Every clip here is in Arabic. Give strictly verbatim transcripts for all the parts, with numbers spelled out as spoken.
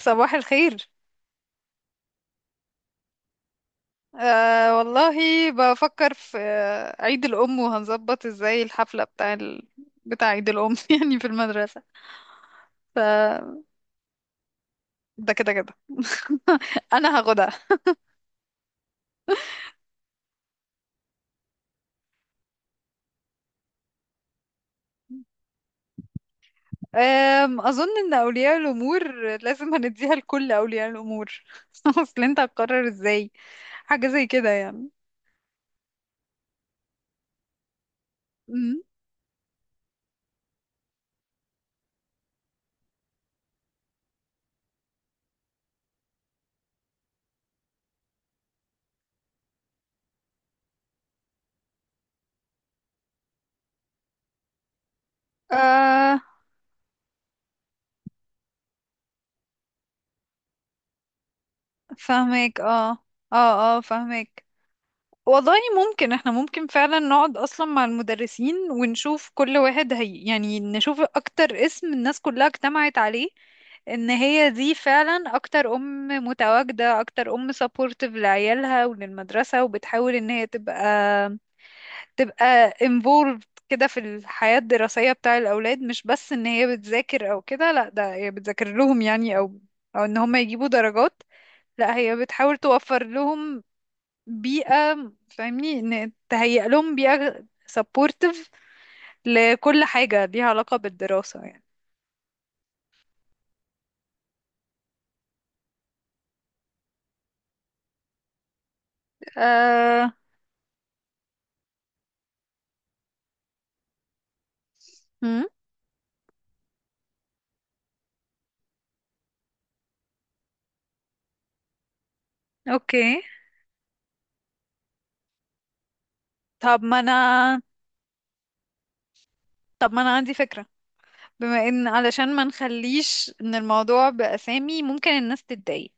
صباح الخير. آه والله، بفكر في آه، عيد الأم، وهنظبط ازاي الحفلة بتاع ال... بتاع عيد الأم يعني في المدرسة. ف ده كده كده، أنا هاخدها. آم، أظن إن أولياء الأمور لازم، هنديها لكل أولياء الأمور أصل أنت هتقرر ازاي حاجة زي كده يعني؟ أمم. آه، فاهمك. اه، اه اه فاهمك. والله ممكن، احنا ممكن فعلا نقعد اصلا مع المدرسين ونشوف كل واحد هي يعني نشوف اكتر اسم الناس كلها اجتمعت عليه، ان هي دي فعلا اكتر ام متواجدة، اكتر ام سبورتيف لعيالها وللمدرسة، وبتحاول ان هي تبقى تبقى involved كده في الحياة الدراسية بتاع الاولاد. مش بس ان هي بتذاكر او كده، لا، ده هي بتذاكر لهم يعني، او او ان هم يجيبوا درجات. لا، هي بتحاول توفر لهم بيئة، فاهمني، ان تهيئ لهم بيئة سبورتيف لكل حاجة ليها علاقة بالدراسة يعني. آه... مم؟ اوكي. طب ما انا طب ما انا عندي فكرة. بما ان، علشان ما نخليش ان الموضوع بأسامي، ممكن الناس تتضايق،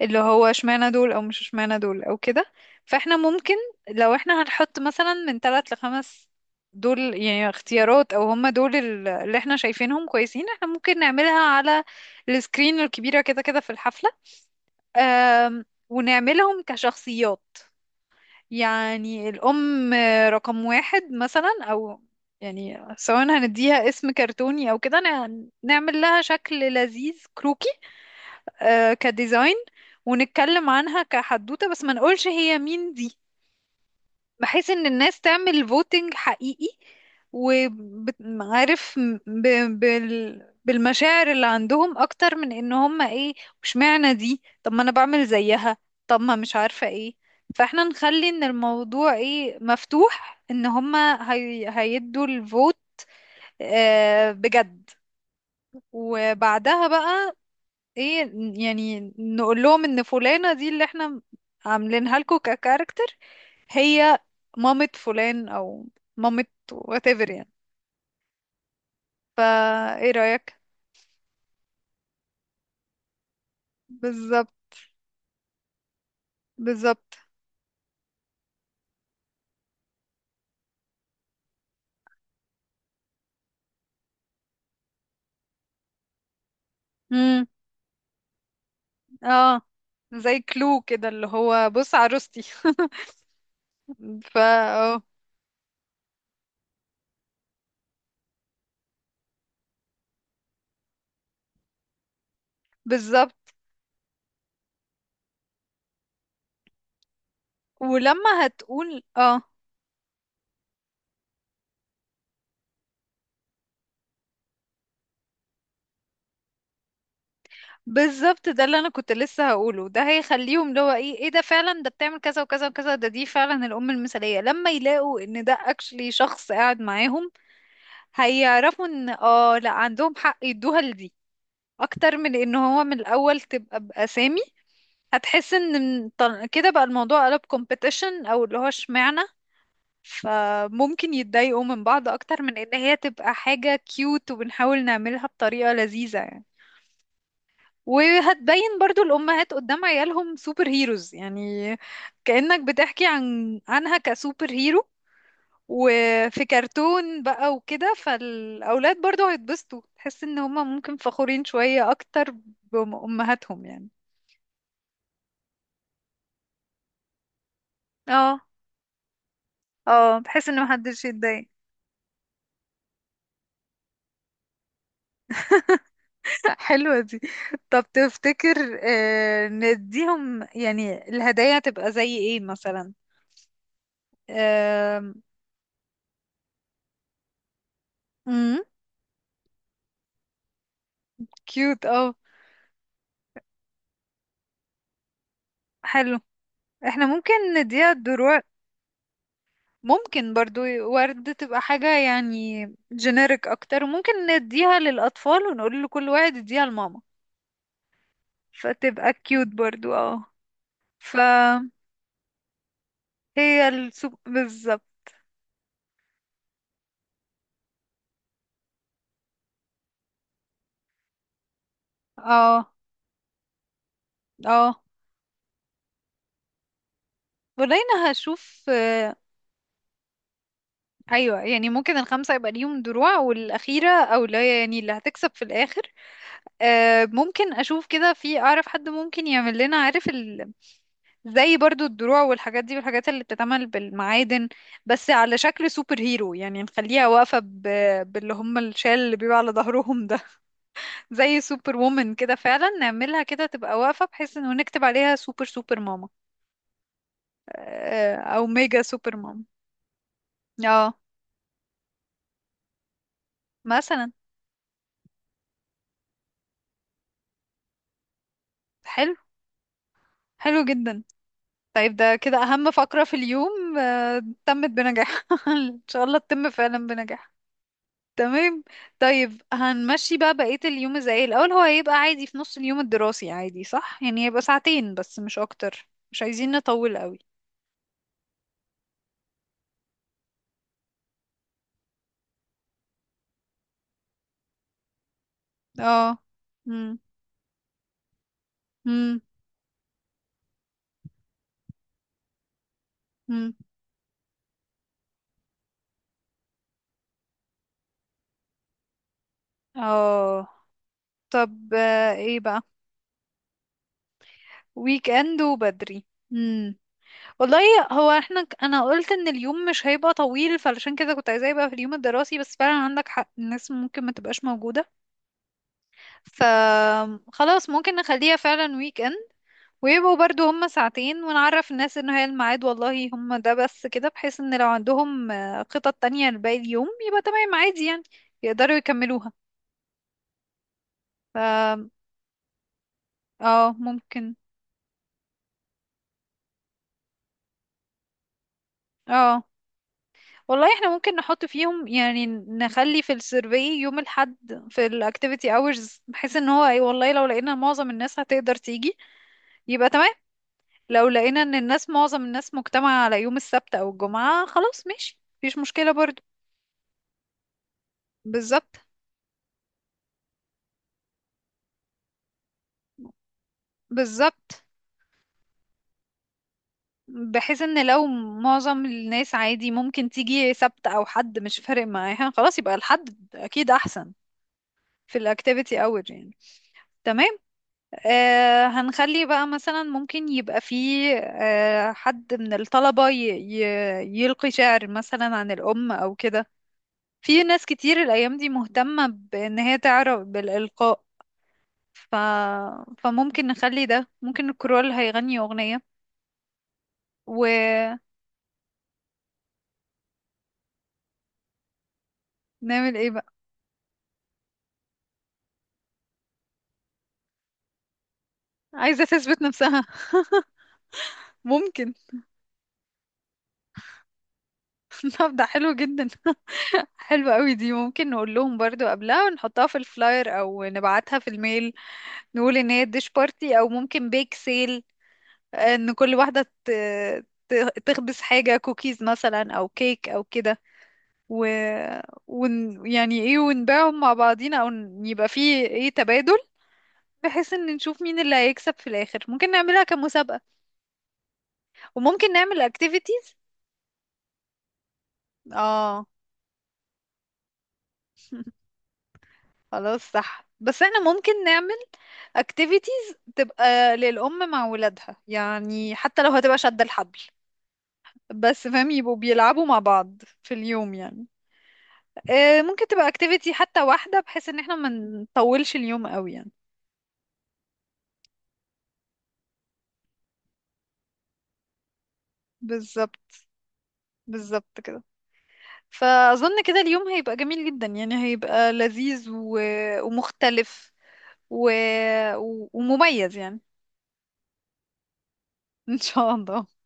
اللي هو اشمعنى دول او مش اشمعنى دول او كده. فاحنا ممكن، لو احنا هنحط مثلا من ثلاث لخمس دول يعني اختيارات، او هم دول ال- اللي احنا شايفينهم كويسين، احنا ممكن نعملها على السكرين الكبيرة كده كده في الحفلة. أم، ونعملهم كشخصيات. يعني الأم رقم واحد مثلا، أو يعني سواء هنديها اسم كرتوني أو كده، نع- نعمل لها شكل لذيذ كروكي، آه، كديزاين، ونتكلم عنها كحدوتة بس ما نقولش هي مين دي. بحيث ان الناس تعمل فوتنج حقيقي، وعارف ب... بال... بالمشاعر اللي عندهم اكتر من ان هم ايه، واشمعنى دي طب ما انا بعمل زيها، طب ما مش عارفة ايه. فاحنا نخلي ان الموضوع ايه مفتوح، ان هم هي... هيدوا الفوت. آه، بجد. وبعدها بقى ايه، ن- يعني نقول لهم ان فلانة دي اللي احنا عاملينها لكم ككاركتر، هي مامة فلان، او مامة whatever يعني. فا ايه رأيك؟ بالظبط، بالظبط. امم، اه، زي كلو كده اللي هو بص عروستي. فا اه، بالظبط. ولما هتقول اه، بالظبط، ده اللي انا كنت لسه هقوله. ده هيخليهم اللي هو ايه، ايه ده فعلا، ده بتعمل كذا وكذا وكذا، ده دي فعلا الام المثاليه. لما يلاقوا ان ده اكشلي شخص قاعد معاهم، هيعرفوا ان اه لا عندهم حق يدوها لدي، اكتر من ان هو من الاول تبقى باسامي. هتحس ان من- طل- كده بقى الموضوع قلب كومبيتيشن، او اللي هو اشمعنى. فممكن يتضايقوا من بعض اكتر من ان هي تبقى حاجه كيوت، وبنحاول نعملها بطريقه لذيذه يعني. وهتبين برضو الأمهات قدام عيالهم سوبر هيروز يعني، كأنك بتحكي عن عنها كسوبر هيرو، وفي كرتون بقى وكده. فالأولاد برضو هيتبسطوا، تحس إن هما ممكن فخورين شوية أكتر بأمهاتهم يعني. اه اه، بحس إن محدش يتضايق. حلوة دي. طب تفتكر، آه، نديهم يعني الهدايا تبقى زي ايه مثلا؟ امم، كيوت، اه، حلو. احنا ممكن نديها الدروع، ممكن برضو ورد تبقى حاجة يعني جينيريك أكتر. ممكن نديها للأطفال ونقول لكل واحد يديها لماما، فتبقى كيوت برضو اه. فهي السوق بالظبط، اه اه. ولينا هشوف آه، أيوة يعني، ممكن الخمسة يبقى ليهم دروع، والأخيرة أو لا يعني اللي هتكسب في الآخر. آه، ممكن أشوف كده، في أعرف حد ممكن يعمل لنا عارف، زي برضو الدروع والحاجات دي، والحاجات اللي بتتعمل بالمعادن، بس على شكل سوبر هيرو يعني. نخليها واقفة ب... باللي هم الشال اللي بيبقى على ظهرهم ده. زي سوبر وومن كده، فعلا نعملها كده تبقى واقفة، بحيث انه نكتب عليها سوبر سوبر ماما، آه، او ميجا سوبر ماما. اه مثلا. حلو، حلو جدا. طيب ده كده اهم فقرة في اليوم آه، تمت بنجاح. ان شاء الله تتم فعلا بنجاح. تمام. طيب هنمشي بقى بقية اليوم ازاي؟ الأول هو هيبقى عادي في نص اليوم الدراسي، عادي صح؟ يعني هيبقى ساعتين بس مش أكتر، مش عايزين نطول قوي. اه. مم. مم. مم. اه، طب آه، ايه بقى؟ ويك اند وبدري. مم. والله هو احنا ك- انا قلت ان اليوم مش هيبقى طويل، فعلشان كده كنت عايزاه يبقى في اليوم الدراسي. بس فعلا عندك حق، الناس ممكن ما تبقاش موجودة. فخلاص ممكن نخليها فعلا ويك اند، ويبقوا برضو هم ساعتين. ونعرف الناس ان هي الميعاد والله هم ده بس كده، بحيث ان لو عندهم آه، خطط تانية لباقي اليوم يبقى تمام عادي يعني، يقدروا يكملوها. اه، ممكن. اه والله، احنا ممكن نحط فيهم، يعني نخلي في السيرفي يوم الحد في الاكتيفيتي اورز، بحيث ان هو اي والله لو لقينا معظم الناس هتقدر تيجي يبقى تمام. لو لقينا ان الناس معظم الناس مجتمعة على يوم السبت او الجمعة خلاص، ماشي مفيش مشكلة برضو. بالظبط، بالظبط. بحيث ان لو معظم الناس عادي ممكن تيجي سبت، او حد مش فارق معاها، خلاص يبقى الحد اكيد احسن في الاكتيفيتي اور يعني. تمام. آه هنخلي بقى مثلا ممكن يبقى فيه آه حد من الطلبة ي ي يلقي شعر مثلا عن الأم أو كده. في ناس كتير الأيام دي مهتمة بإن هي تعرف بالإلقاء. ف... فممكن نخلي ده، ممكن الكرول هيغني أغنية ونعمل. ايه بقى؟ عايزة تثبت نفسها ممكن. طب ده حلو جدا. حلو قوي دي. ممكن نقول لهم برضو قبلها، نحطها في الفلاير او نبعتها في الميل، نقول ان هي ديش بارتي او ممكن بيك سيل، ان كل واحدة ت... ت- تخبز حاجة كوكيز مثلا او كيك او كده. و... ون... يعني ايه، ونبيعهم مع بعضينا، او ن- يبقى فيه ايه تبادل، بحيث ان نشوف مين اللي هيكسب في الاخر. ممكن نعملها كمسابقة، وممكن نعمل اكتيفيتيز. اه. خلاص صح، بس احنا ممكن نعمل activities تبقى للأم مع ولادها، يعني حتى لو هتبقى شد الحبل بس فاهم، يبقوا بيلعبوا مع بعض في اليوم يعني. آه، ممكن تبقى activity حتى واحدة، بحيث ان احنا ما نطولش اليوم قوي يعني. بالظبط. بالظبط كده. فأظن كده اليوم هيبقى جميل جدا يعني، هيبقى لذيذ و... ومختلف، و... و- ومميز يعني. إن شاء الله.